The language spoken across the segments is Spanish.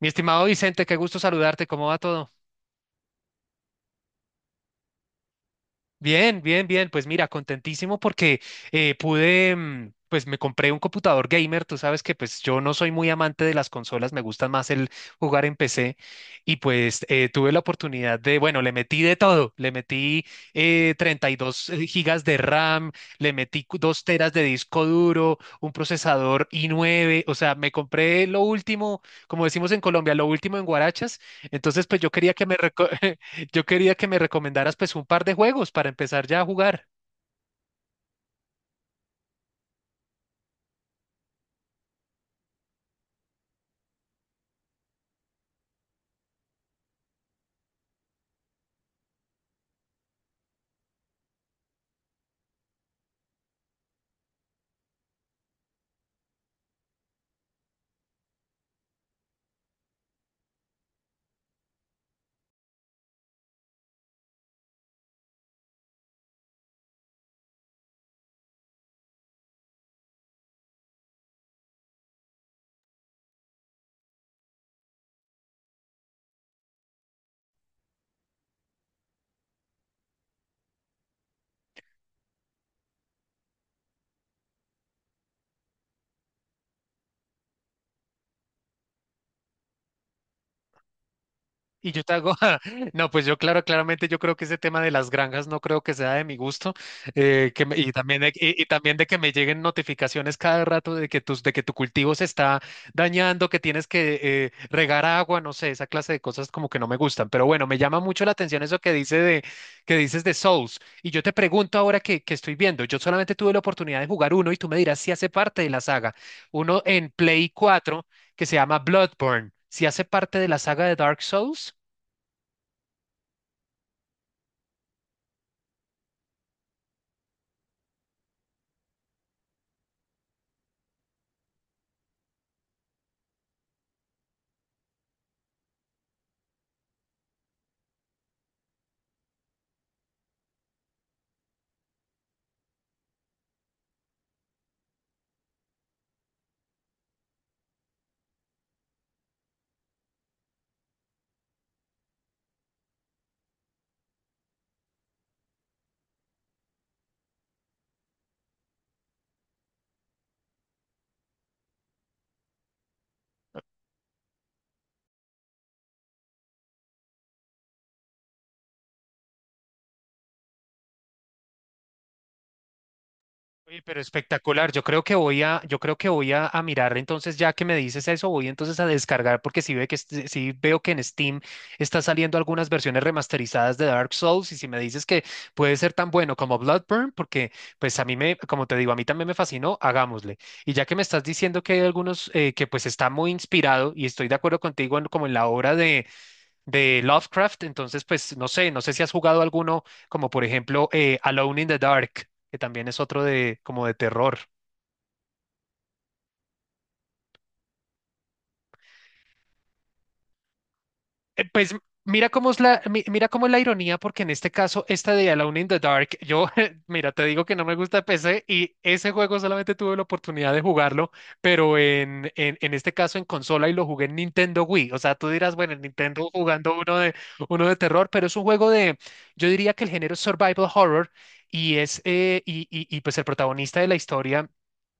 Mi estimado Vicente, qué gusto saludarte. ¿Cómo va todo? Bien, bien, bien. Pues mira, contentísimo porque pude, pues me compré un computador gamer. Tú sabes que pues yo no soy muy amante de las consolas, me gusta más el jugar en PC. Y pues tuve la oportunidad de, bueno, le metí de todo. Le metí 32 gigas de RAM, le metí 2 teras de disco duro, un procesador i9. O sea, me compré lo último, como decimos en Colombia, lo último en guarachas. Entonces, pues yo quería Yo quería que me recomendaras pues un par de juegos para empezar ya a jugar. Y yo te hago, no, pues yo claro, claramente yo creo que ese tema de las granjas no creo que sea de mi gusto, y también de que me lleguen notificaciones cada rato de de que tu cultivo se está dañando, que tienes que regar agua, no sé, esa clase de cosas como que no me gustan. Pero bueno, me llama mucho la atención eso que dices de Souls. Y yo te pregunto ahora que estoy viendo, yo solamente tuve la oportunidad de jugar uno y tú me dirás si hace parte de la saga. Uno en Play 4 que se llama Bloodborne. ¿Si ¿hace parte de la saga de Dark Souls? Oye, pero espectacular. Yo creo que voy a mirar. Entonces, ya que me dices eso, voy entonces a descargar porque sí, sí veo que en Steam está saliendo algunas versiones remasterizadas de Dark Souls y si me dices que puede ser tan bueno como Bloodborne, porque pues como te digo, a mí también me fascinó, hagámosle. Y ya que me estás diciendo que hay algunos que pues está muy inspirado y estoy de acuerdo contigo como en la obra de Lovecraft. Entonces, pues no sé, no sé si has jugado alguno, como por ejemplo Alone in the Dark, que también es otro de como de terror. Pues mira cómo es la ironía, porque en este caso, esta de Alone in the Dark, mira, te digo que no me gusta PC y ese juego solamente tuve la oportunidad de jugarlo, pero en este caso en consola y lo jugué en Nintendo Wii. O sea, tú dirás, bueno, en Nintendo jugando uno de terror, pero es un juego de, yo diría que el género es survival horror y pues el protagonista de la historia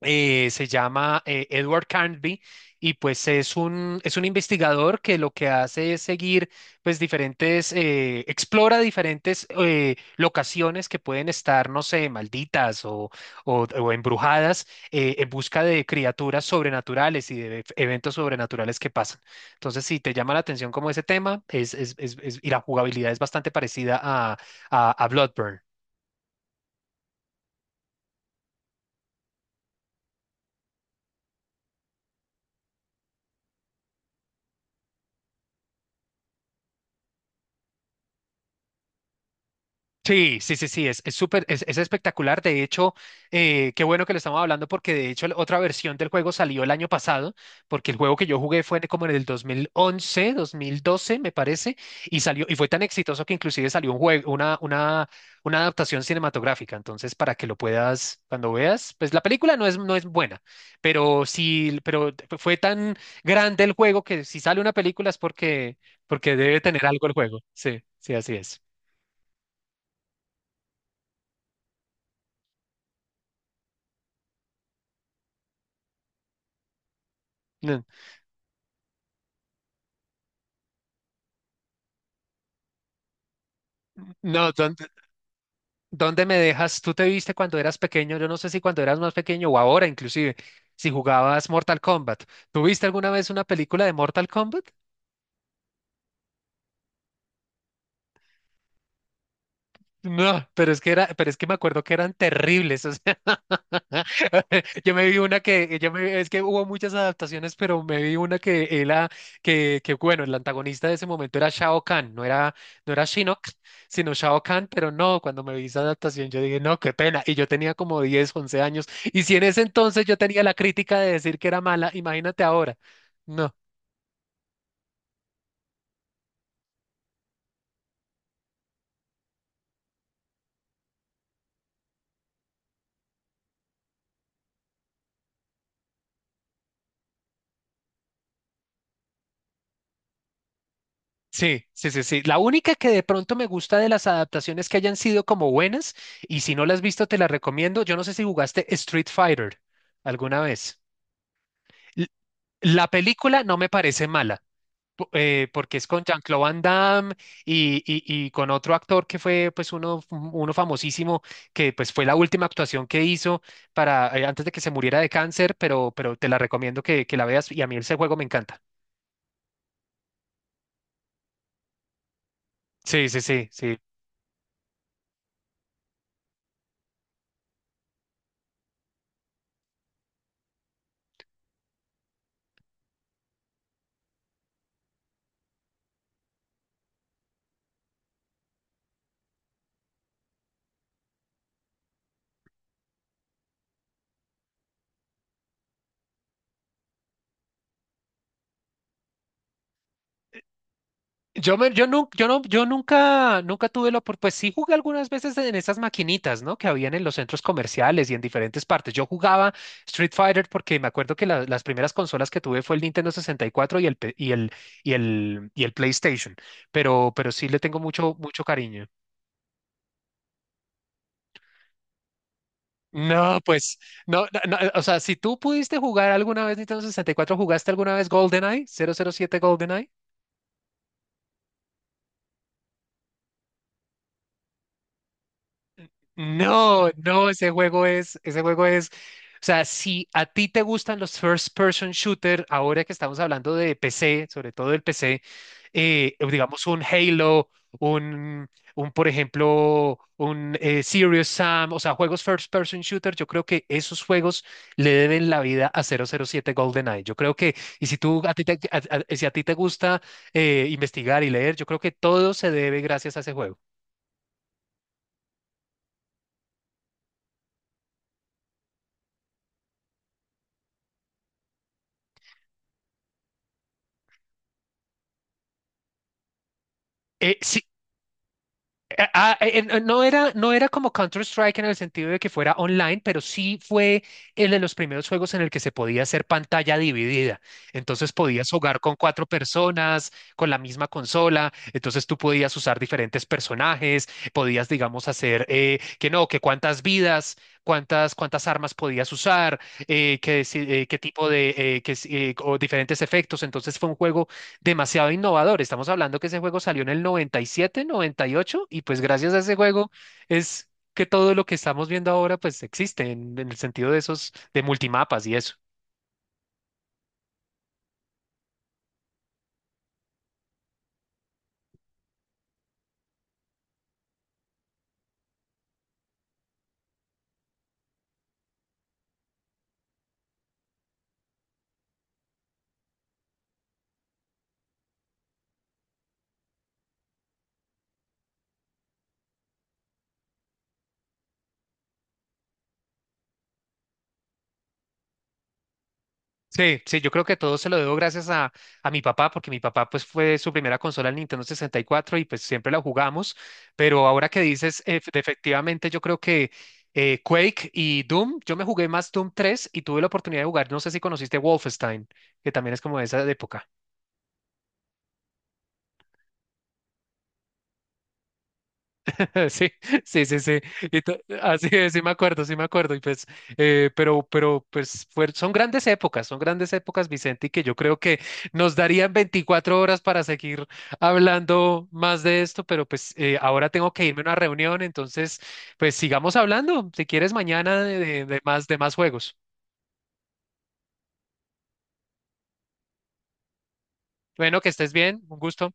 se llama Edward Carnby y pues es un investigador que lo que hace es seguir pues diferentes, explora diferentes locaciones que pueden estar, no sé, malditas o embrujadas en busca de criaturas sobrenaturales y de eventos sobrenaturales que pasan. Entonces, si te llama la atención como ese tema, y la jugabilidad es bastante parecida a Bloodborne. Sí, sí, sí, sí, es súper, es espectacular. De hecho, qué bueno que lo estamos hablando porque de hecho la otra versión del juego salió el año pasado, porque el juego que yo jugué fue como en el 2011, 2012, me parece, y salió, y fue tan exitoso que inclusive salió un juego, una adaptación cinematográfica. Entonces, para que lo puedas, cuando veas, pues la película no es buena, pero sí, pero fue tan grande el juego que si sale una película es porque debe tener algo el juego. Sí, sí, así es. No, no. ¿Dónde me dejas? ¿Tú te viste cuando eras pequeño? Yo no sé si cuando eras más pequeño o ahora inclusive, si jugabas Mortal Kombat. ¿Tuviste alguna vez una película de Mortal Kombat? No, pero es que me acuerdo que eran terribles. O sea, Yo me vi una que, yo me, es que hubo muchas adaptaciones, pero me vi una que era, que bueno, el antagonista de ese momento era Shao Kahn, no era, no era Shinnok, sino Shao Kahn, pero no, cuando me vi esa adaptación yo dije, no, qué pena, y yo tenía como 10 11 años, y si en ese entonces yo tenía la crítica de decir que era mala, imagínate ahora, no. Sí, sí, sí, sí. La única que de pronto me gusta de las adaptaciones que hayan sido como buenas, y si no las has visto, te la recomiendo. Yo no sé si jugaste Street Fighter alguna vez. La película no me parece mala, porque es con Jean-Claude Van Damme y con otro actor que fue pues uno famosísimo, que pues fue la última actuación que hizo antes de que se muriera de cáncer, pero te la recomiendo que la veas y a mí ese juego me encanta. Sí, sí, sí, sí. Yo, me, yo, nu- yo, no, yo nunca tuve la oportunidad, pues sí jugué algunas veces en esas maquinitas, ¿no? Que habían en los centros comerciales y en diferentes partes. Yo jugaba Street Fighter porque me acuerdo que las primeras consolas que tuve fue el Nintendo 64 y cuatro y el, pe- y el, y el, y el PlayStation, pero sí le tengo mucho, mucho cariño. No, pues, no, no, no, o sea, si tú pudiste jugar alguna vez Nintendo 64, ¿jugaste alguna vez GoldenEye? ¿007 GoldenEye? No, no, o sea, si a ti te gustan los first person shooter, ahora que estamos hablando de PC, sobre todo el PC, digamos un Halo, un, un por ejemplo, un Serious Sam, o sea, juegos first person shooter, yo creo que esos juegos le deben la vida a 007 GoldenEye. Yo creo que, y si tú, a ti te, a- si a ti te gusta investigar y leer, yo creo que todo se debe gracias a ese juego. Eh, si no era como Counter-Strike en el sentido de que fuera online, pero sí fue el de los primeros juegos en el que se podía hacer pantalla dividida. Entonces podías jugar con cuatro personas, con la misma consola, entonces tú podías usar diferentes personajes, podías, digamos, hacer que no, que cuántas vidas, cuántas armas podías usar, que si- qué tipo de, que si- o diferentes efectos. Entonces fue un juego demasiado innovador. Estamos hablando que ese juego salió en el 97, 98 y ocho, y pues gracias a ese juego es que todo lo que estamos viendo ahora pues existe en el sentido de esos, de multimapas y eso. Sí, sí, yo creo que todo se lo debo gracias a mi papá, porque mi papá pues fue su primera consola el Nintendo 64 y cuatro y pues siempre la jugamos, pero ahora que dices, efectivamente yo creo que Quake y Doom, yo me jugué más Doom 3 y tuve la oportunidad de jugar, no sé si conociste Wolfenstein, que también es como de esa época. Sí, sí, sí, sí. Y así es, sí me acuerdo, sí me acuerdo. Y pues, son grandes épocas, Vicente, y que yo creo que nos darían 24 horas para seguir hablando más de esto, pero pues ahora tengo que irme a una reunión, entonces, pues sigamos hablando, si quieres, mañana de más juegos. Bueno, que estés bien, un gusto.